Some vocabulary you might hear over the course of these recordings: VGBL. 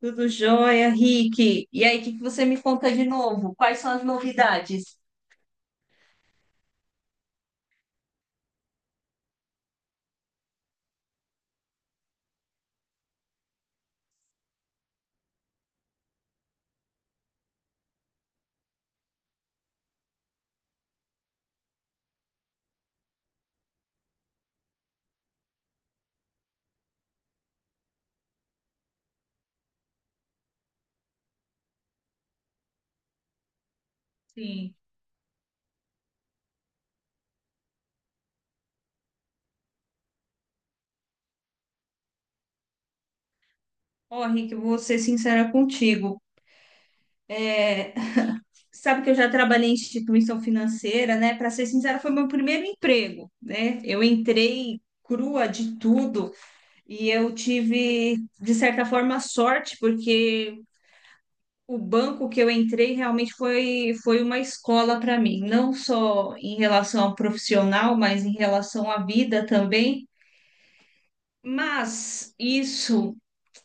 Tudo jóia, Rick. E aí, o que que você me conta de novo? Quais são as novidades? Sim. Ó, Rick, eu vou ser sincera contigo. É, sabe que eu já trabalhei em instituição financeira, né? Para ser sincera, foi meu primeiro emprego, né? Eu entrei crua de tudo e eu tive, de certa forma, sorte, porque o banco que eu entrei realmente foi, foi uma escola para mim, não só em relação ao profissional, mas em relação à vida também. Mas isso,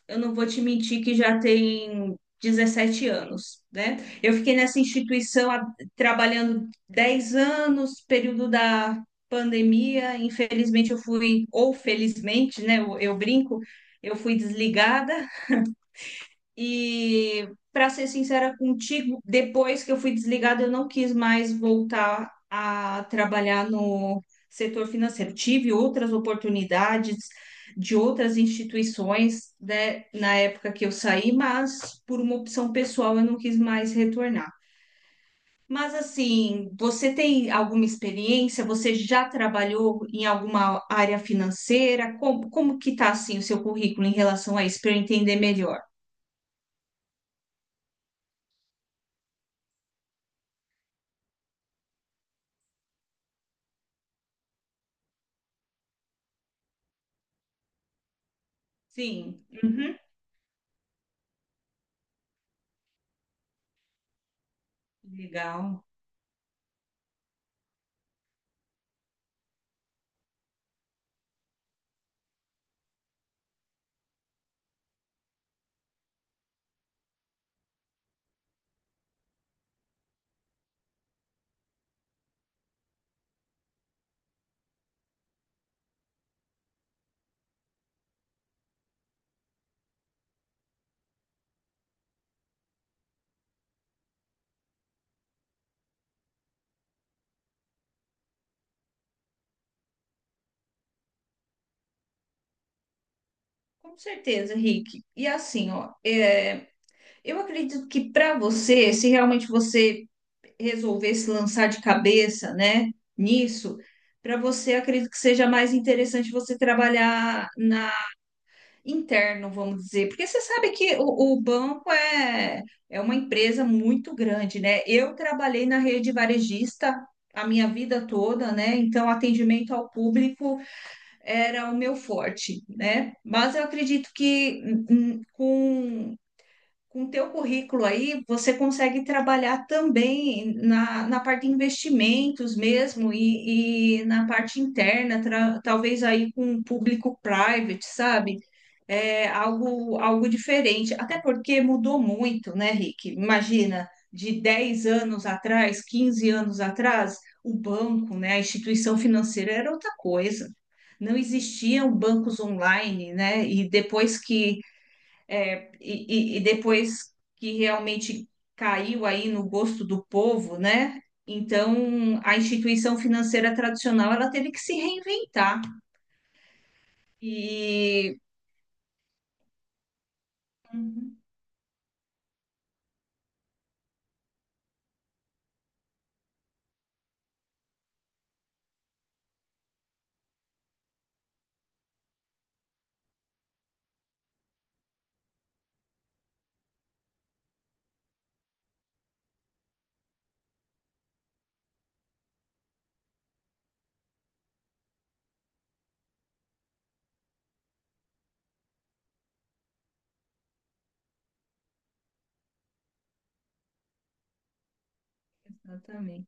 eu não vou te mentir que já tem 17 anos, né? Eu fiquei nessa instituição há- Trabalhando 10 anos, período da pandemia. Infelizmente, eu fui, ou felizmente, né? Eu brinco, eu fui desligada. E, para ser sincera contigo, depois que eu fui desligada, eu não quis mais voltar a trabalhar no setor financeiro. Tive outras oportunidades de outras instituições, né, na época que eu saí, mas por uma opção pessoal eu não quis mais retornar. Mas assim, você tem alguma experiência? Você já trabalhou em alguma área financeira? Como que está assim o seu currículo em relação a isso, para eu entender melhor? Sim. Legal, com certeza, Rick. E assim, ó, eu acredito que para você, se realmente você resolver se lançar de cabeça, né, nisso, para você, acredito que seja mais interessante você trabalhar na interno, vamos dizer, porque você sabe que o banco é uma empresa muito grande, né? Eu trabalhei na rede varejista a minha vida toda, né? Então, atendimento ao público era o meu forte, né? Mas eu acredito que com o teu currículo aí, você consegue trabalhar também na parte de investimentos mesmo e na parte interna, talvez aí com o público private, sabe? É algo, algo diferente. Até porque mudou muito, né, Rick? Imagina, de 10 anos atrás, 15 anos atrás, o banco, né, a instituição financeira era outra coisa. Não existiam bancos online, né? E depois que depois que realmente caiu aí no gosto do povo, né? Então, a instituição financeira tradicional, ela teve que se reinventar. E... Uhum, exatamente.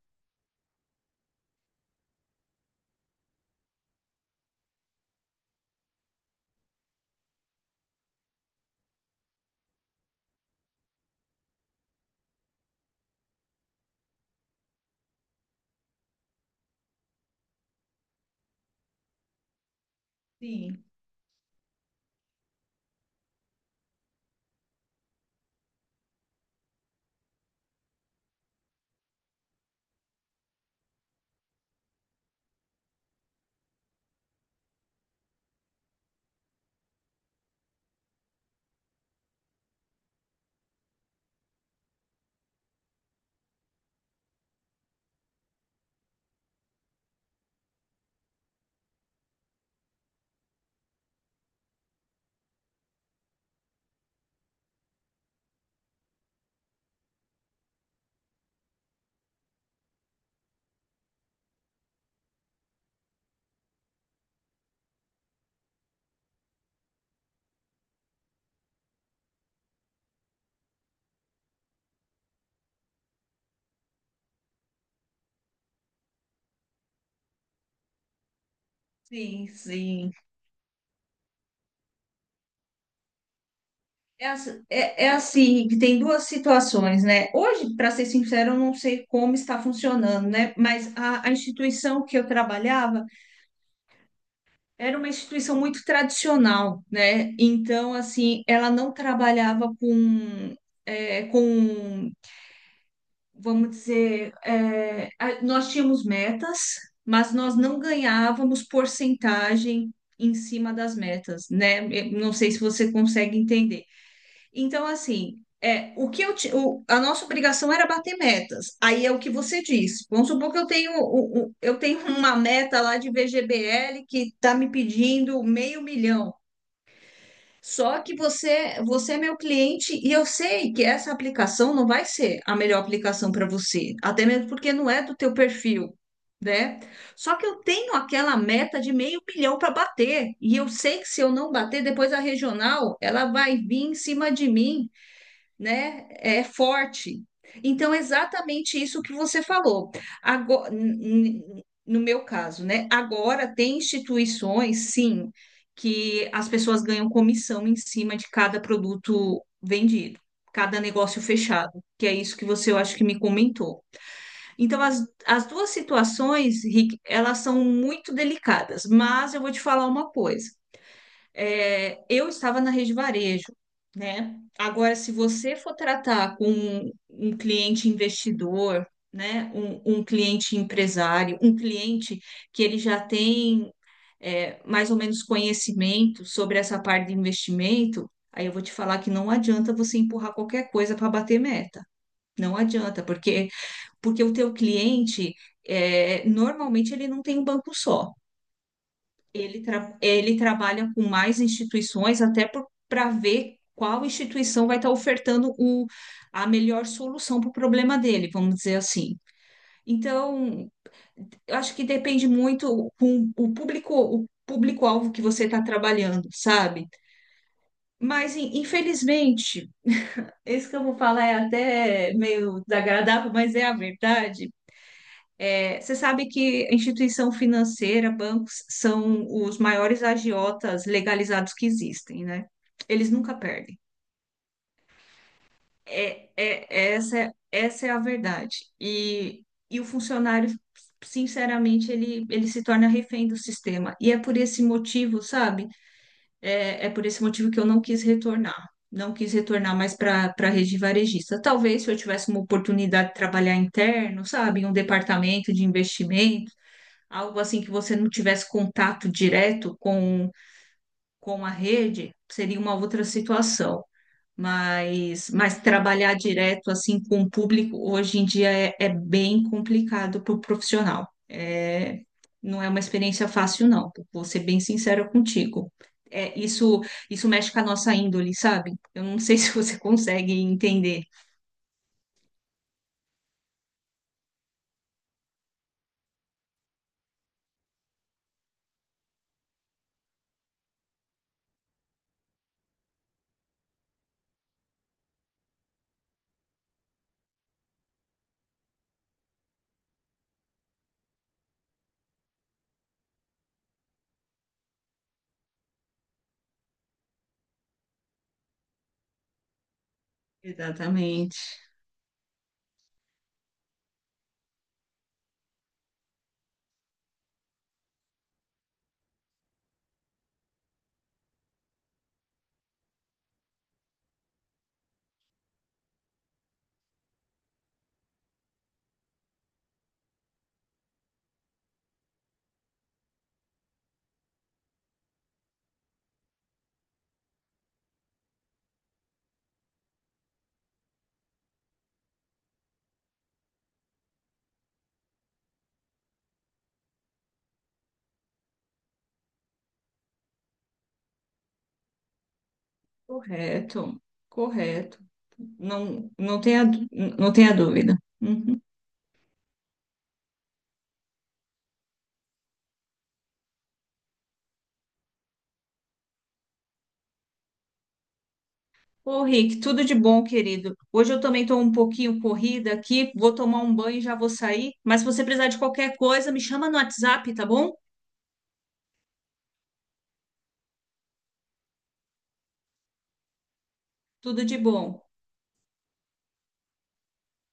Sim, sim, sim. É assim, que tem duas situações, né? Hoje, para ser sincero, eu não sei como está funcionando, né? Mas a instituição que eu trabalhava era uma instituição muito tradicional, né? Então, assim, ela não trabalhava com, vamos dizer, nós tínhamos metas, mas nós não ganhávamos porcentagem em cima das metas, né? Eu não sei se você consegue entender. Então, assim, o que eu a nossa obrigação era bater metas. Aí é o que você disse. Vamos supor que eu tenho, eu tenho uma meta lá de VGBL que está me pedindo meio milhão. Só que você, você é meu cliente e eu sei que essa aplicação não vai ser a melhor aplicação para você, até mesmo porque não é do teu perfil, né? Só que eu tenho aquela meta de meio milhão para bater e eu sei que se eu não bater, depois a regional ela vai vir em cima de mim, né? É forte. Então, é exatamente isso que você falou. Agora, no meu caso, né? Agora tem instituições, sim, que as pessoas ganham comissão em cima de cada produto vendido, cada negócio fechado, que é isso que você, eu acho que me comentou. Então, as duas situações, Rick, elas são muito delicadas, mas eu vou te falar uma coisa. É, eu estava na rede varejo, né? Agora, se você for tratar com um cliente investidor, né? Um cliente empresário, um cliente que ele já tem mais ou menos conhecimento sobre essa parte de investimento, aí eu vou te falar que não adianta você empurrar qualquer coisa para bater meta. Não adianta, porque porque o teu cliente, normalmente ele não tem um banco só. Ele, ele trabalha com mais instituições, até para ver qual instituição vai estar ofertando a melhor solução para o problema dele, vamos dizer assim. Então, eu acho que depende muito com o público, o público-alvo que você está trabalhando, sabe? Mas, infelizmente, isso que eu vou falar é até meio desagradável, mas é a verdade. Você sabe que instituição financeira, bancos, são os maiores agiotas legalizados que existem, né? Eles nunca perdem. Essa é a verdade. E o funcionário, sinceramente, ele se torna refém do sistema. E é por esse motivo, sabe? É por esse motivo que eu não quis retornar. Não quis retornar mais para para a rede varejista. Talvez se eu tivesse uma oportunidade de trabalhar interno, sabe? Em um departamento de investimento. Algo assim que você não tivesse contato direto com a rede seria uma outra situação. Mas trabalhar direto assim com o público hoje em dia é bem complicado para o profissional. Não é uma experiência fácil, não. Vou ser bem sincera contigo. É, isso, isso mexe com a nossa índole, sabe? Eu não sei se você consegue entender. Exatamente. Correto, correto. Não, não tenha dúvida. Uhum. Ô, Rick, tudo de bom, querido. Hoje eu também estou um pouquinho corrida aqui, vou tomar um banho e já vou sair. Mas se você precisar de qualquer coisa, me chama no WhatsApp, tá bom? Tudo de bom.